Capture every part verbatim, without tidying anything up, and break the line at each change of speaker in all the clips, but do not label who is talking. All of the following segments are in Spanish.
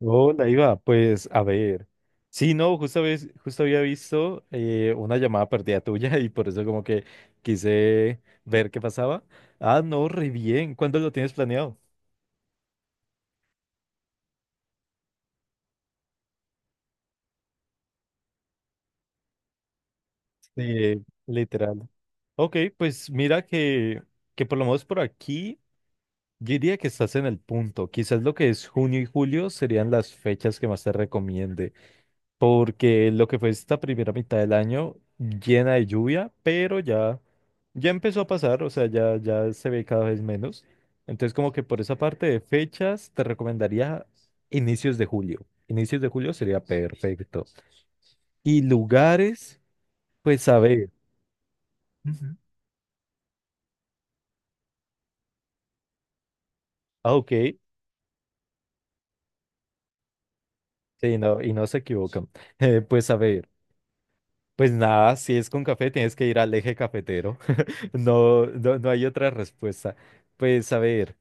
Hola, Iva. Pues a ver. Sí, no, justo, habéis- justo había visto eh, una llamada perdida tuya y por eso como que quise ver qué pasaba. Ah, no, re bien. ¿Cuándo lo tienes planeado? Eh, Literal. Ok, pues mira que, que por lo menos por aquí, yo diría que estás en el punto. Quizás lo que es junio y julio serían las fechas que más te recomiende, porque lo que fue esta primera mitad del año llena de lluvia, pero ya, ya empezó a pasar, o sea, ya, ya se ve cada vez menos. Entonces, como que por esa parte de fechas, te recomendaría inicios de julio. Inicios de julio sería perfecto. Y lugares, pues a ver. Ujú. Ah, ok. Sí, no, y no se equivocan. Eh, pues a ver, pues nada, si es con café, tienes que ir al eje cafetero. No, no, no hay otra respuesta. Pues a ver,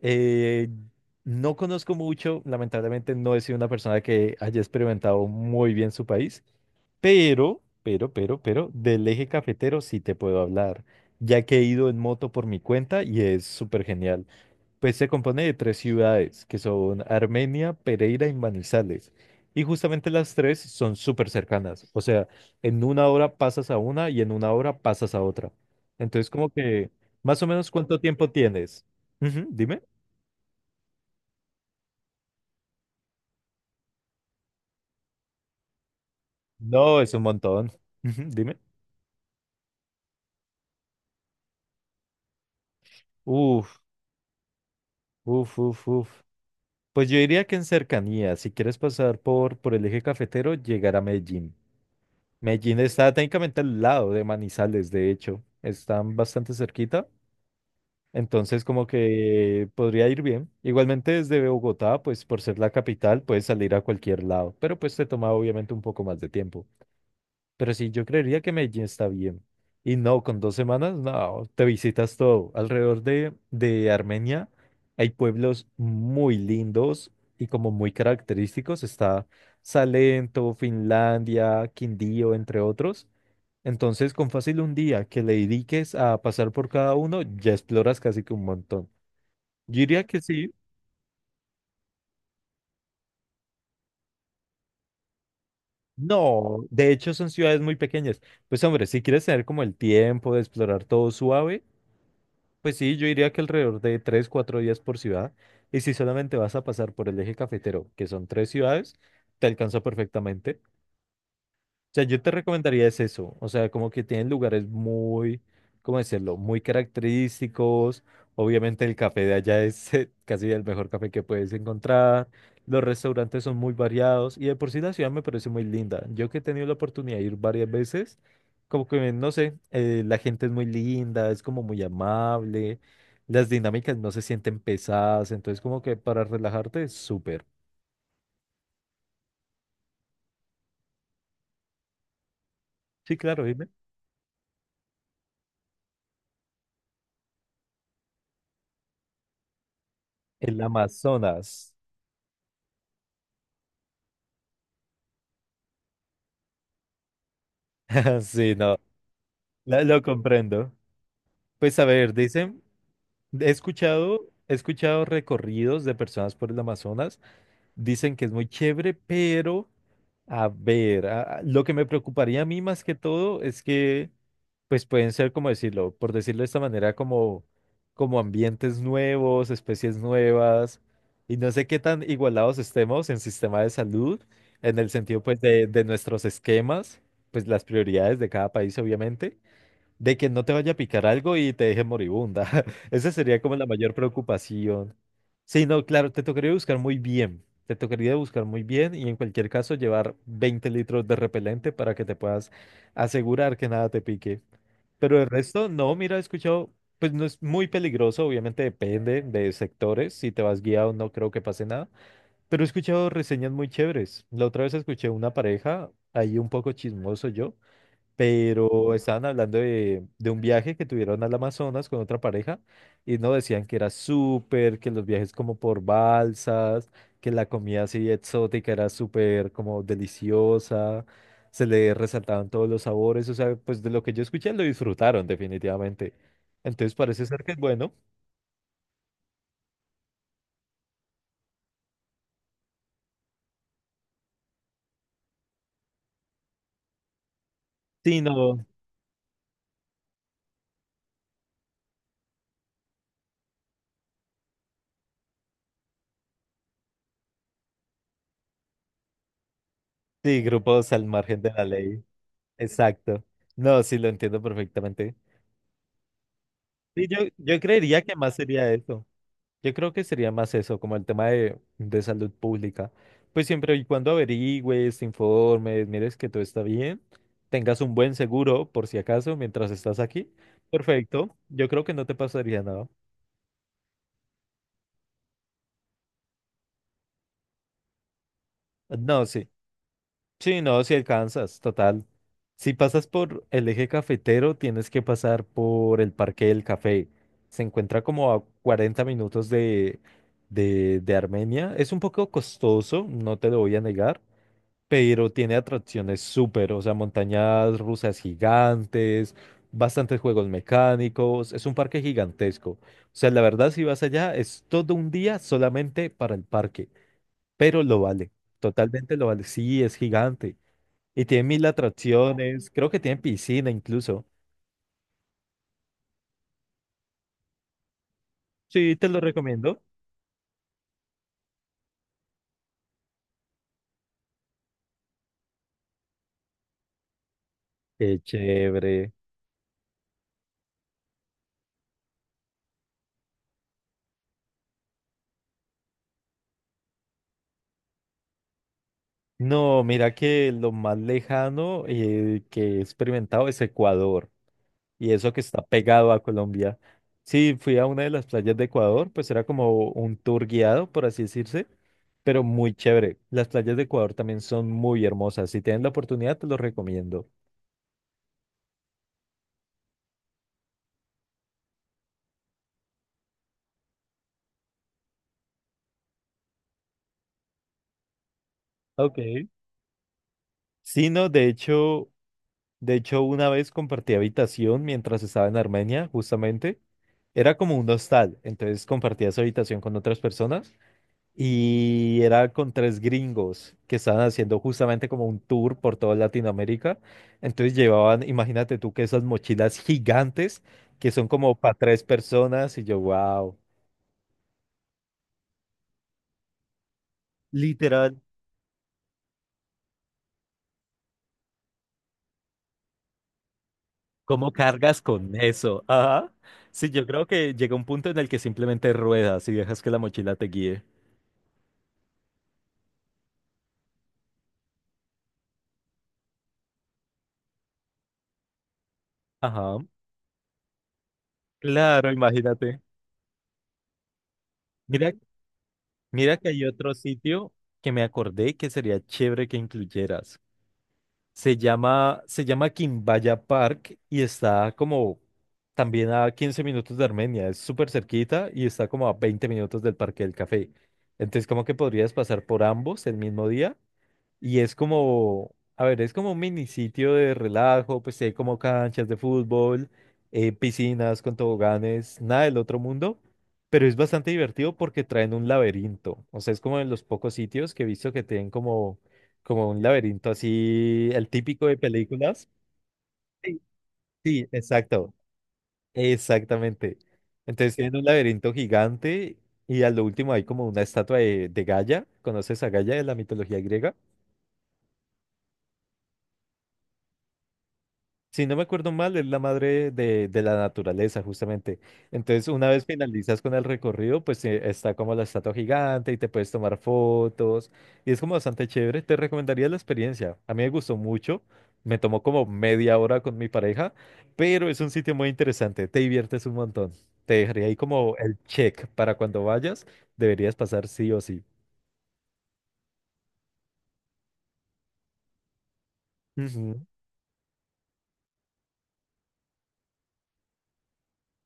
eh, no conozco mucho, lamentablemente no he sido una persona que haya experimentado muy bien su país, pero, pero, pero, pero, del eje cafetero sí te puedo hablar, ya que he ido en moto por mi cuenta y es súper genial. Pues se compone de tres ciudades, que son Armenia, Pereira y Manizales. Y justamente las tres son súper cercanas. O sea, en una hora pasas a una y en una hora pasas a otra. Entonces, como que, más o menos, ¿cuánto tiempo tienes? Ujú, dime. No, es un montón. Ujú, dime. Uf, uf, uf, uf. Pues yo diría que en cercanía, si quieres pasar por, por el eje cafetero, llegar a Medellín. Medellín está técnicamente al lado de Manizales, de hecho. Están bastante cerquita. Entonces, como que podría ir bien. Igualmente desde Bogotá, pues por ser la capital, puedes salir a cualquier lado, pero pues te toma obviamente un poco más de tiempo. Pero sí, yo creería que Medellín está bien. Y no, con dos semanas, no, te visitas todo. Alrededor de, de Armenia hay pueblos muy lindos y como muy característicos. Está Salento, Finlandia, Quindío, entre otros. Entonces, con fácil un día que le dediques a pasar por cada uno, ya exploras casi que un montón. Yo diría que sí. No, de hecho son ciudades muy pequeñas. Pues hombre, si quieres tener como el tiempo de explorar todo suave, pues sí, yo diría que alrededor de tres, cuatro días por ciudad. Y si solamente vas a pasar por el eje cafetero, que son tres ciudades, te alcanza perfectamente. O sea, yo te recomendaría es eso, o sea, como que tienen lugares muy, ¿cómo decirlo? Muy característicos. Obviamente el café de allá es eh, casi el mejor café que puedes encontrar. Los restaurantes son muy variados y de por sí la ciudad me parece muy linda. Yo que he tenido la oportunidad de ir varias veces, como que, no sé, eh, la gente es muy linda, es como muy amable, las dinámicas no se sienten pesadas, entonces como que para relajarte es súper. Sí, claro, dime. El Amazonas. Sí, no. La- lo comprendo. Pues a ver, dicen, he escuchado, he escuchado recorridos de personas por el Amazonas, dicen que es muy chévere, pero a ver, a- a- lo que me preocuparía a mí más que todo es que, pues pueden ser, como decirlo, por decirlo de esta manera, como, como ambientes nuevos, especies nuevas, y no sé qué tan igualados estemos en sistema de salud, en el sentido, pues, de, de nuestros esquemas, pues las prioridades de cada país, obviamente. De que no te vaya a picar algo y te deje moribunda. Esa sería como la mayor preocupación. Sí, no, claro, te tocaría buscar muy bien. Te tocaría buscar muy bien y en cualquier caso llevar veinte litros de repelente para que te puedas asegurar que nada te pique. Pero el resto, no, mira, he escuchado, pues no es muy peligroso, obviamente depende de sectores. Si te vas guiado, no creo que pase nada. Pero he escuchado reseñas muy chéveres. La otra vez escuché una pareja, ahí un poco chismoso yo, pero estaban hablando de, de un viaje que tuvieron al Amazonas con otra pareja y no decían que era súper, que los viajes como por balsas, que la comida así exótica era súper como deliciosa, se le resaltaban todos los sabores, o sea, pues de lo que yo escuché lo disfrutaron definitivamente. Entonces parece ser que es bueno. Sí, no, sí, grupos al margen de la ley. Exacto. No, sí, lo entiendo perfectamente. Sí, yo, yo creería que más sería eso. Yo creo que sería más eso, como el tema de, de salud pública. Pues siempre y cuando averigües, te informes, mires que todo está bien, tengas un buen seguro por si acaso mientras estás aquí. Perfecto. Yo creo que no te pasaría nada. No, sí. Sí, no, si alcanzas, total. Si pasas por el eje cafetero, tienes que pasar por el Parque del Café. Se encuentra como a cuarenta minutos de, de, de Armenia. Es un poco costoso, no te lo voy a negar, pero tiene atracciones súper, o sea, montañas rusas gigantes, bastantes juegos mecánicos, es un parque gigantesco. O sea, la verdad, si vas allá, es todo un día solamente para el parque, pero lo vale, totalmente lo vale, sí, es gigante. Y tiene mil atracciones, creo que tiene piscina incluso. Sí, te lo recomiendo. Qué chévere. No, mira que lo más lejano eh, que he experimentado es Ecuador, y eso que está pegado a Colombia. Sí, fui a una de las playas de Ecuador, pues era como un tour guiado, por así decirse, pero muy chévere. Las playas de Ecuador también son muy hermosas. Si tienen la oportunidad, te los recomiendo. Ok. Sí, no, de hecho, de hecho una vez compartí habitación mientras estaba en Armenia, justamente. Era como un hostal, entonces compartías habitación con otras personas y era con tres gringos que estaban haciendo justamente como un tour por toda Latinoamérica. Entonces llevaban, imagínate tú, que esas mochilas gigantes que son como para tres personas y yo, wow, literal, ¿cómo cargas con eso? Ajá. Sí, yo creo que llega un punto en el que simplemente ruedas y dejas que la mochila te guíe. Ajá. Claro, imagínate. Mira, mira que hay otro sitio que me acordé que sería chévere que incluyeras. Se llama, se llama Quimbaya Park y está como también a quince minutos de Armenia. Es súper cerquita y está como a veinte minutos del Parque del Café. Entonces, como que podrías pasar por ambos el mismo día y es como, a ver, es como un mini sitio de relajo, pues si hay como canchas de fútbol, eh, piscinas con toboganes, nada del otro mundo, pero es bastante divertido porque traen un laberinto. O sea, es como de los pocos sitios que he visto que tienen como, como, un laberinto así, el típico de películas. Sí, sí, exacto, exactamente. Entonces tienen un laberinto gigante y a lo último hay como una estatua de, de Gaia. ¿Conoces a Gaia de la mitología griega? Si no me acuerdo mal, es la madre de, de la naturaleza, justamente. Entonces, una vez finalizas con el recorrido, pues eh, está como la estatua gigante y te puedes tomar fotos. Y es como bastante chévere. Te recomendaría la experiencia. A mí me gustó mucho. Me tomó como media hora con mi pareja, pero es un sitio muy interesante. Te diviertes un montón. Te dejaría ahí como el check para cuando vayas. Deberías pasar sí o sí. Ujú.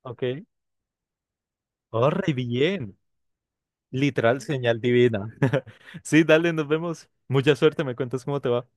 Ok. Oh, re bien. Literal, señal divina. Sí, dale, nos vemos. Mucha suerte, me cuentas cómo te va.